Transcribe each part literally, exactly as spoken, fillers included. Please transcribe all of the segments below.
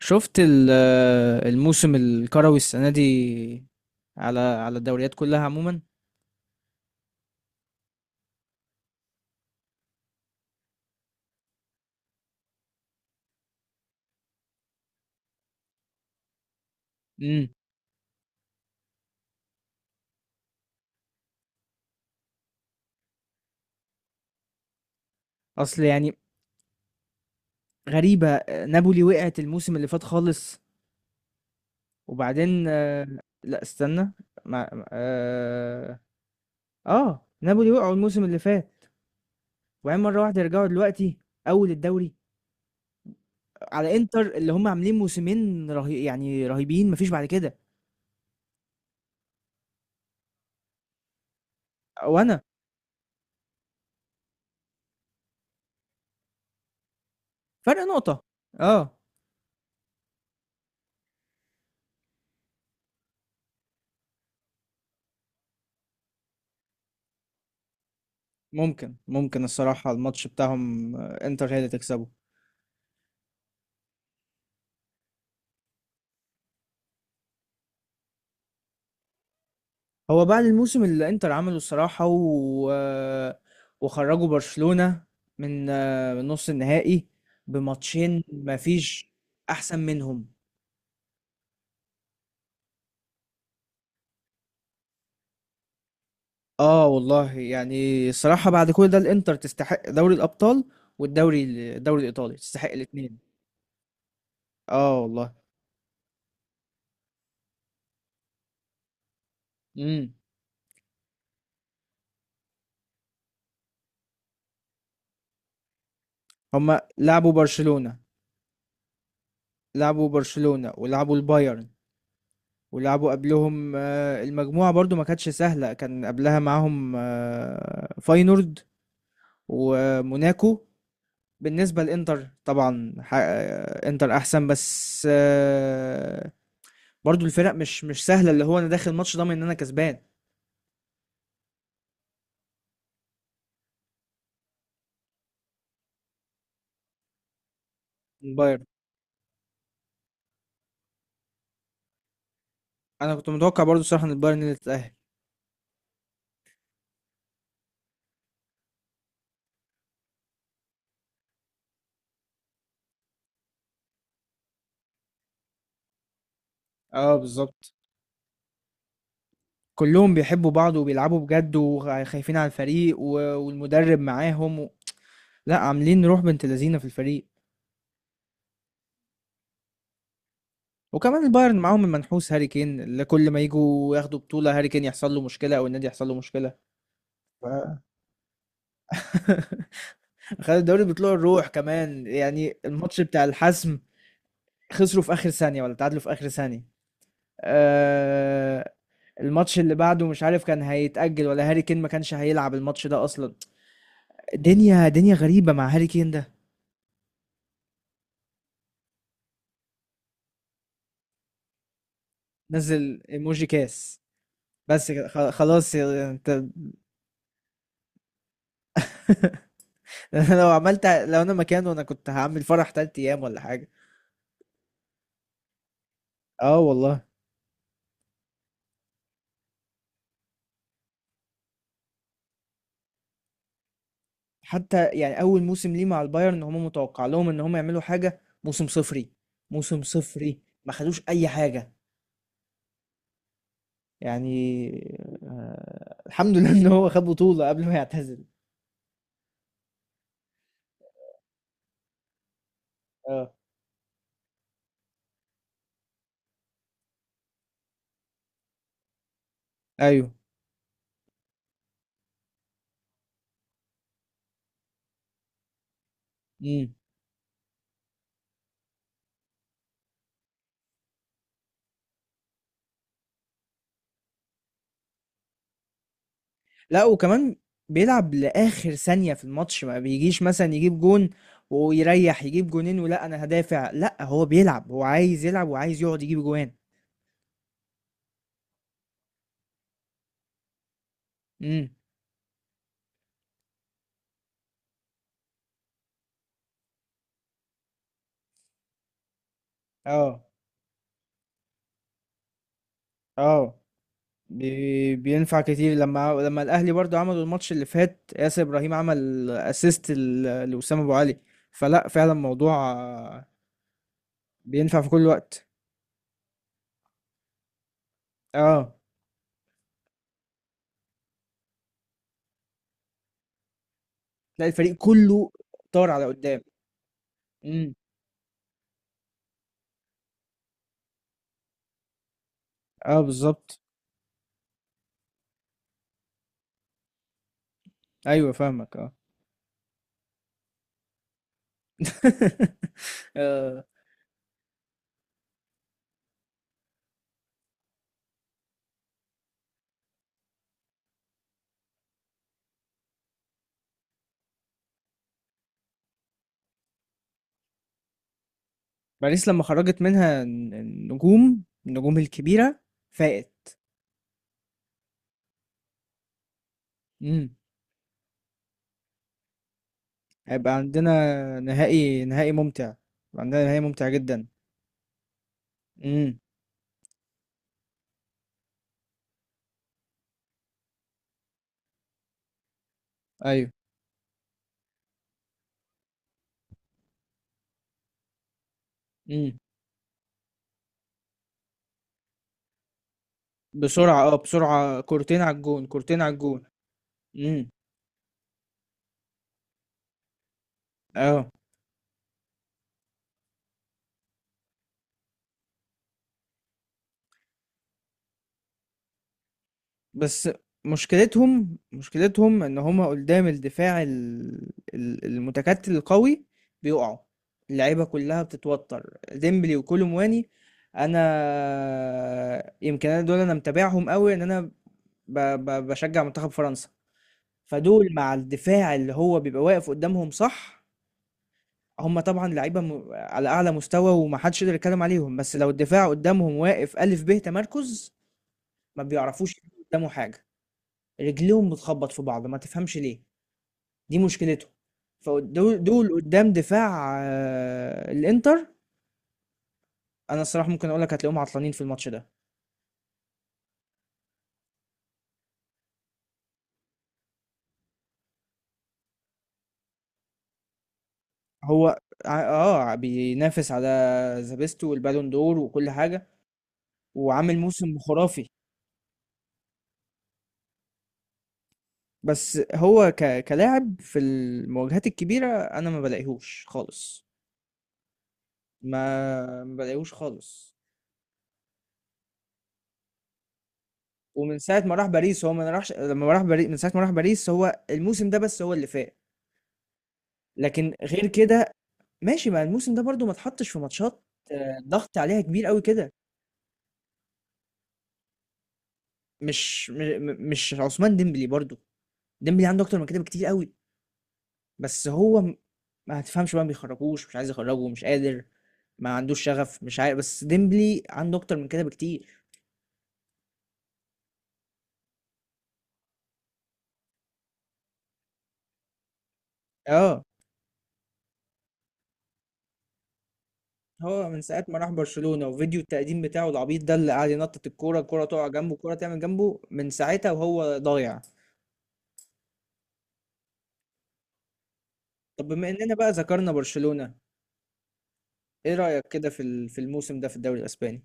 شفت ال- آه، الموسم الكروي السنة دي على على الدوريات كلها عموما. امم اصل يعني غريبة، آه، نابولي وقعت الموسم اللي فات خالص، وبعدين آه، لا استنى. مع اه, آه، نابولي وقعوا الموسم اللي فات وبعدين مرة واحدة يرجعوا دلوقتي اول الدوري على انتر اللي هم عاملين موسمين رهي يعني رهيبين، مفيش بعد كده. وانا فرق نقطة، اه. ممكن ممكن الصراحة الماتش بتاعهم، آه، انتر هي اللي تكسبه. هو بعد الموسم اللي انتر عمله الصراحة و... وخرجوا برشلونة من من نص النهائي بماتشين، مفيش احسن منهم. اه والله، يعني الصراحة بعد كل ده الانتر تستحق دوري الابطال، والدوري الدوري الايطالي، تستحق الاتنين. اه والله. امم، هما لعبوا برشلونة، لعبوا برشلونة ولعبوا البايرن، ولعبوا قبلهم، آه، المجموعة برضو ما كانتش سهلة، كان قبلها معاهم آه، فاينورد وموناكو. بالنسبة للإنتر طبعا ح- إنتر أحسن بس آه، برضو الفرق مش مش سهلة، اللي هو أنا داخل الماتش ضامن إن أنا كسبان. من بايرن. أنا كنت متوقع برضو الصراحة إن البايرن اللي تتأهل. اه، بالظبط. كلهم بيحبوا بعض وبيلعبوا بجد وخايفين على الفريق و- والمدرب معاهم و... لا، عاملين روح بنت لذينه في الفريق. وكمان البايرن معاهم المنحوس هاري كين، اللي كل ما يجوا ياخدوا بطولة هاري كين يحصل له مشكلة أو النادي يحصل له مشكلة. آه. خد الدوري بطلوع الروح، كمان يعني الماتش بتاع الحسم خسروا في اخر ثانية ولا تعادلوا في اخر ثانية. آه، الماتش اللي بعده مش عارف كان هيتأجل ولا هاري كين ما كانش هيلعب الماتش ده اصلا. دنيا دنيا غريبة مع هاري كين ده. نزل ايموجي كاس. بس كده، خ- خلاص يا- انت. لو عملت، لو انا مكانه انا كنت هعمل فرح تلات ايام ولا حاجة. اه والله. حتى يعني اول موسم ليه مع البايرن هم متوقع لهم ان هم يعملوا حاجه، موسم صفري. موسم صفري ما خدوش اي حاجه. يعني آه الحمد لله ان هو خد بطوله قبل ما يعتزل. اه. ايوه. امم. لا وكمان بيلعب لاخر ثانيه في الماتش، ما بيجيش مثلا يجيب جون ويريح، يجيب جونين، ولا انا هدافع، لا هو بيلعب، هو عايز يلعب وعايز يقعد يجيب جوان. امم. اه. اه. بي- بينفع كتير، لما لما الاهلي برضو عملوا الماتش اللي فات ياسر ابراهيم عمل اسيست لوسام ابو علي، فلا فعلا الموضوع آه، بينفع في كل وقت. اه. تلاقي الفريق كله طار على قدام. امم. اه، بالظبط. ايوه، فاهمك، اه. آه، باريس لما خرجت منها الن- النجوم، النجوم الكبيرة فاقت. امم. هيبقى عندنا نهائي، نهائي ممتع، هيبقى عندنا نهائي ممتع جدا. امم. ايوه. مم. بسرعة، اه بسرعة، كورتين على الجون، كورتين على الجون. امم. اه. بس مشكلتهم مشكلتهم ان هما قدام الدفاع ال- ال- المتكتل القوي بيقعوا، اللعيبة كلها بتتوتر، ديمبلي وكولومواني. انا يمكن انا دول انا متابعهم قوي ان انا ب- ب- بشجع منتخب فرنسا. فدول مع الدفاع اللي هو بيبقى واقف قدامهم، صح هم طبعا لعيبه م... على اعلى مستوى ومحدش يقدر يتكلم عليهم، بس لو الدفاع قدامهم واقف الف ب تمركز ما بيعرفوش يعملوا قدامه حاجه، رجليهم بتخبط في بعض ما تفهمش ليه. دي مشكلتهم. فدول دول قدام دفاع آه، الانتر انا الصراحه ممكن اقول لك هتلاقيهم عطلانين في الماتش ده. هو ع- اه بينافس على زابيستو والبالون دور وكل حاجه. وعامل موسم خرافي. بس هو ك... كلاعب في المواجهات الكبيره انا ما بلاقيهوش خالص. ما ما بلاقيهوش خالص. ومن ساعة ما راح باريس هو ما راحش، لما راح باريس من ساعة ما راح باريس هو الموسم ده بس هو اللي فاق. لكن غير كده ماشي، ما الموسم ده برضو ما اتحطش في ماتشات، آه، ضغط عليها كبير قوي كده. مش م- م- مش عثمان ديمبلي برضو، ديمبلي عنده اكتر من كده بكتير قوي. بس هو م- ما هتفهمش بقى، ما بيخرجوش، مش عايز يخرجه، مش قادر، ما عندوش شغف، مش عارف، بس ديمبلي عنده اكتر من كده بكتير. اه. هو من ساعة ما راح برشلونة وفيديو التقديم بتاعه العبيط ده اللي قاعد ينطط الكورة، الكورة تقع جنبه الكورة تعمل جنبه، من ساعتها وهو ضايع. طب بما اننا بقى ذكرنا برشلونة، ايه رأيك كده في ال- في الموسم ده في الدوري الاسباني؟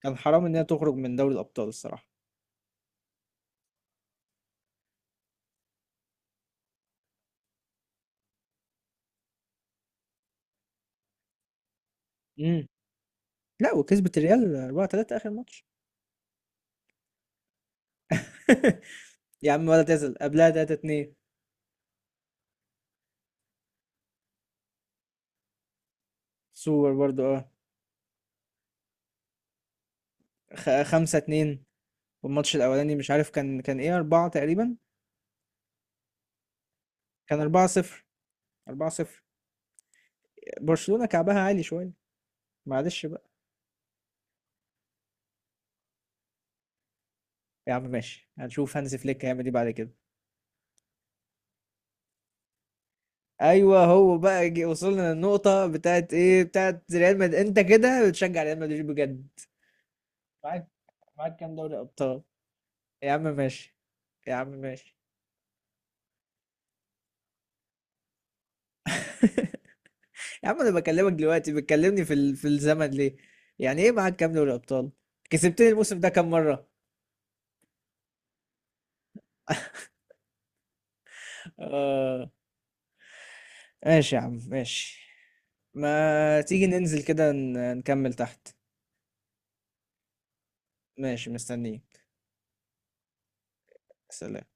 كان حرام انها تخرج من دوري الابطال الصراحة. امم. لا، وكسبت الريال اربعة تلاتة 3 اخر ماتش. يا عم ولا تزل قبلها تلاتة اتنين 2، سوبر برضو، اه خمسة اتنين 2. والماتش الاولاني مش عارف كان كان ايه، اربعة تقريبا. كان اربعة صفر 0. اربعة صفر 0. برشلونة كعبها عالي شوية، معلش. يا عم ماشي، هنشوف هانز فليك هيعمل ايه بعد كده. ايوه هو بقى جي وصلنا للنقطة بتاعت ايه، بتاعت ريال مدريد. انت كده بتشجع ريال مدريد بجد؟ معاك معاك كام دوري ابطال؟ يا عم ماشي، يا عم ماشي. يا عم انا بكلمك دلوقتي بتكلمني في ال... في الزمن ليه؟ يعني ايه معاك كام دوري ابطال؟ كسبتني الموسم ده كام مرة؟ آه... ماشي يا عم، ماشي. ما تيجي ننزل كده ن- نكمل تحت. ماشي، مستنيك. سلام.